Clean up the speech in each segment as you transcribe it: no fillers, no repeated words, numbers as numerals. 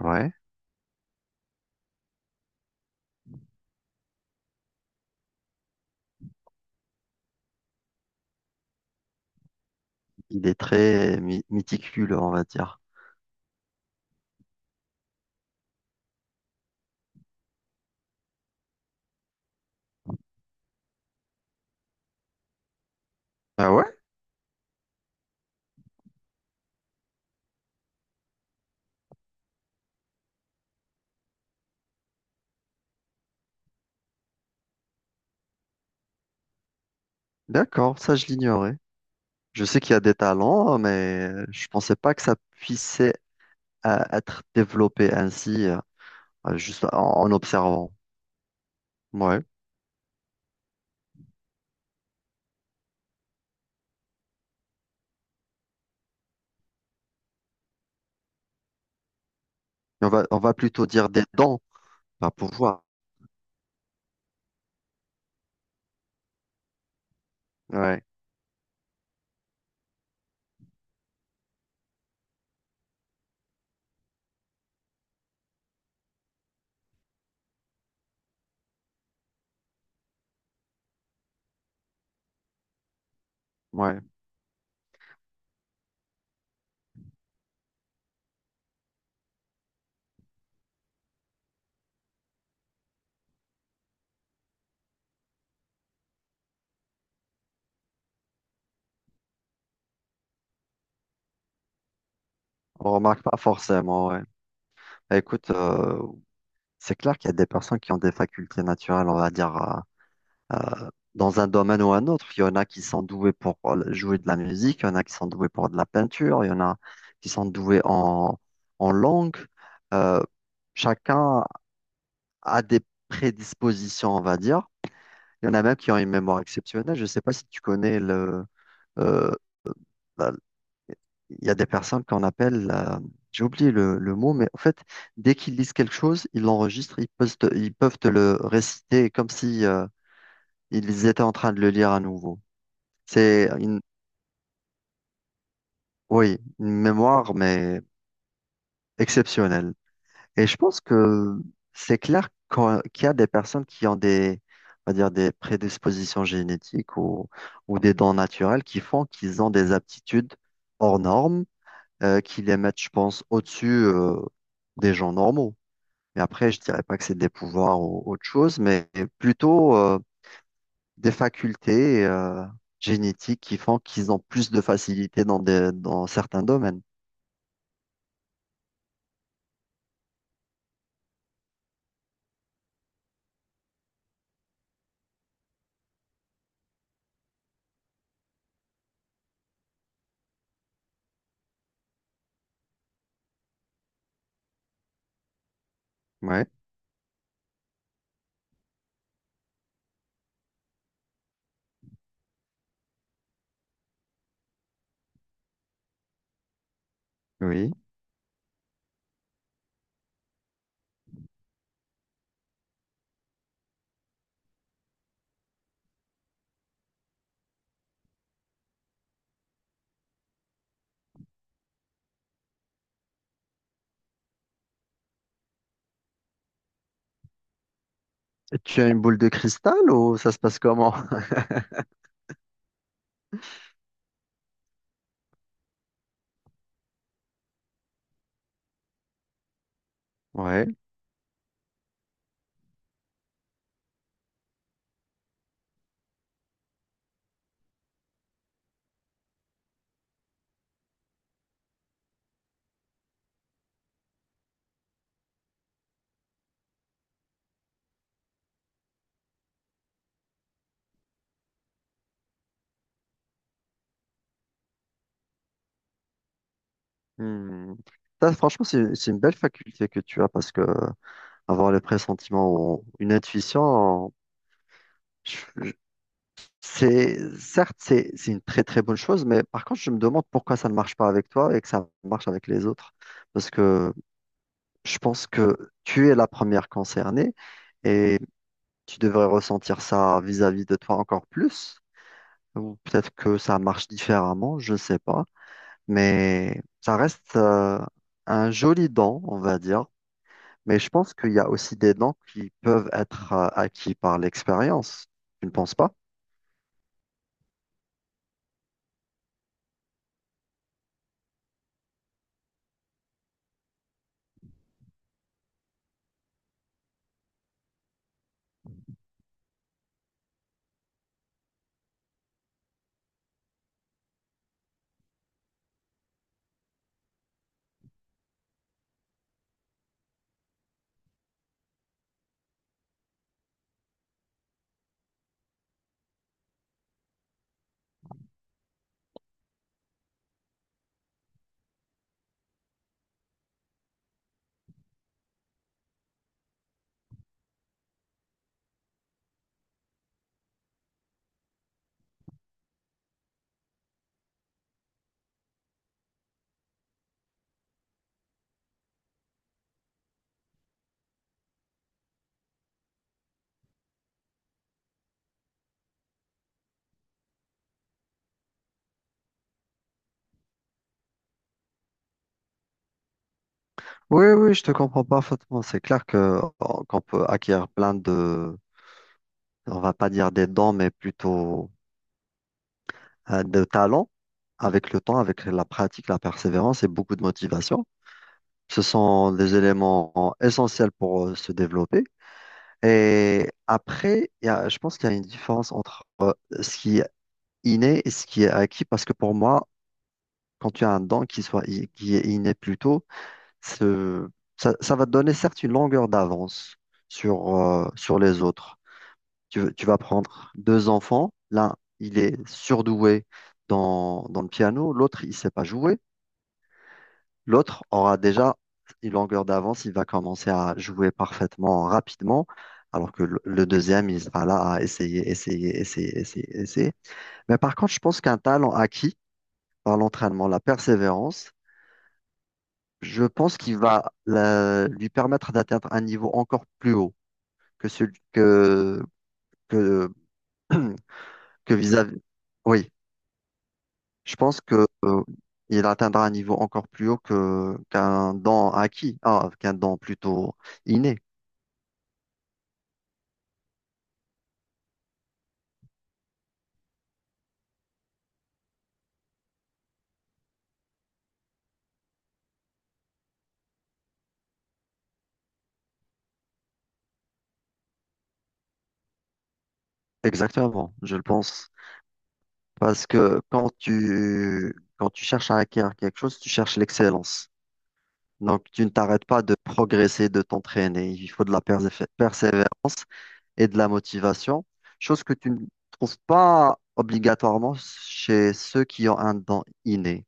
Ouais. Il est très méticuleux, on va dire. Ah ouais? D'accord, ça je l'ignorais. Je sais qu'il y a des talents, hein, mais je pensais pas que ça puissait être développé ainsi, juste en observant. Ouais. On va plutôt dire des dons, pas pouvoir. Ouais, ouais. On remarque pas forcément, ouais. Écoute, c'est clair qu'il y a des personnes qui ont des facultés naturelles, on va dire, euh, dans un domaine ou un autre. Il y en a qui sont doués pour jouer de la musique, il y en a qui sont doués pour de la peinture, il y en a qui sont doués en langue. Euh, chacun a des prédispositions, on va dire. Il y en a même qui ont une mémoire exceptionnelle. Je ne sais pas si tu connais le... euh, la- il y a des personnes qu'on appelle... j'ai oublié le mot, mais en fait, dès qu'ils lisent quelque chose, ils l'enregistrent, ils peuvent te le réciter comme si ils étaient en train de le lire à nouveau. C'est une… Oui, une mémoire, mais exceptionnelle. Et je pense que qu'il y a des personnes qui ont des, on va dire, des prédispositions génétiques ou des dons naturels qui font qu'ils ont des aptitudes hors normes, qui les mettent, je pense, au-dessus, des gens normaux. Mais après, je dirais pas que c'est des pouvoirs ou autre chose, mais plutôt, des facultés, génétiques qui font qu'ils ont plus de facilité dans certains domaines. Ouais, oui. Tu as une boule de cristal ou ça se passe comment? Ouais. Hmm. Ça, franchement, c'est une belle faculté que tu as parce que avoir le pressentiment ou une intuition, je- je- c'est certes, c'est une très très bonne chose, mais par contre, je me demande pourquoi ça ne marche pas avec toi et que ça marche avec les autres. Parce que je pense que tu es la première concernée et tu devrais ressentir ça vis-à-vis de toi encore plus. Ou peut-être que ça marche différemment, je ne sais pas. Mais ça reste un joli don, on va dire. Mais je pense qu'il y a aussi des dons qui peuvent être acquis par l'expérience. Tu ne penses pas? Oui, oui, je te comprends parfaitement. C'est clair que oh, qu'on peut acquérir on va pas dire des dons, mais plutôt de talents avec le temps, avec la pratique, la persévérance et beaucoup de motivation. Ce sont des éléments essentiels pour se développer. Et après, je pense qu'il y a une différence entre ce qui inné et ce qui est acquis, parce que pour moi, quand tu as un qui est inné plutôt, ce- ça va te donner certes une longueur d'avance sur les autres. Tu vas prendre deux enfants, l'un, il est surdoué dans le piano, l'autre, il sait pas jouer, l'autre aura déjà une longueur d'avance, il va commencer à jouer parfaitement rapidement. Alors que le deuxième, il sera là à essayer, essayer, essayer, essayer, essayer. Mais par contre, je pense qu'un talent acquis, par l'entraînement, la persévérance, je pense lui permettre d'atteindre un niveau encore plus haut que celui que, que vis-à-vis. Oui, je pense que, il atteindra un niveau encore plus haut qu'un qu'un don plutôt inné. Exactement, je le pense. Parce que quand tu cherches à acquérir quelque chose, tu cherches l'excellence. Donc, tu ne t'arrêtes pas de progresser, de t'entraîner. Il faut de la persévérance et de la motivation, chose que tu ne trouves pas obligatoirement chez ceux qui ont un don inné.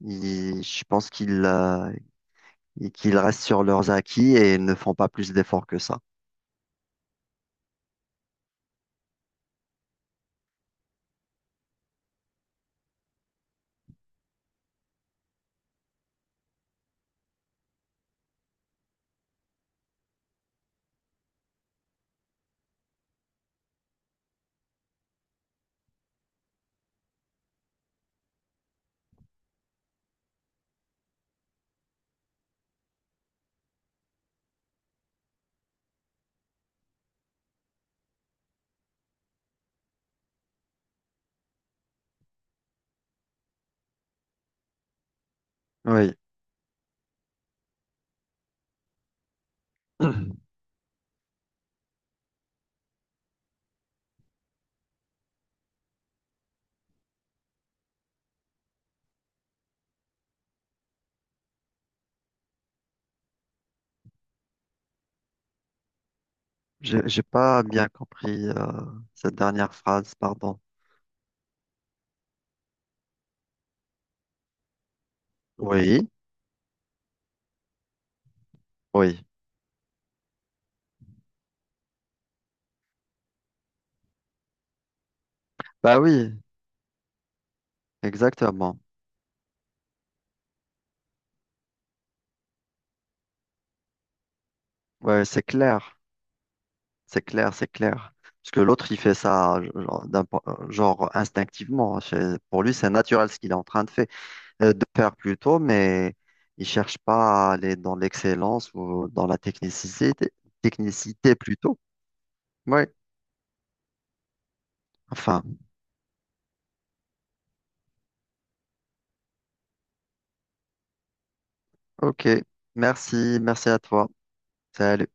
Je pense qu'ils restent sur leurs acquis et ne font pas plus d'efforts que ça. Oui, j'ai pas bien compris cette dernière phrase, pardon. Oui, oui. Bah oui, exactement. Ouais, c'est clair. C'est clair, c'est clair. Parce que l'autre, il fait ça genre, genre instinctivement. C'est… Pour lui, c'est naturel ce qu'il est en train de faire, mais il cherche pas à aller dans l'excellence ou dans la technicité, technicité plutôt. Oui. Enfin, ok. Merci, merci à toi. Salut.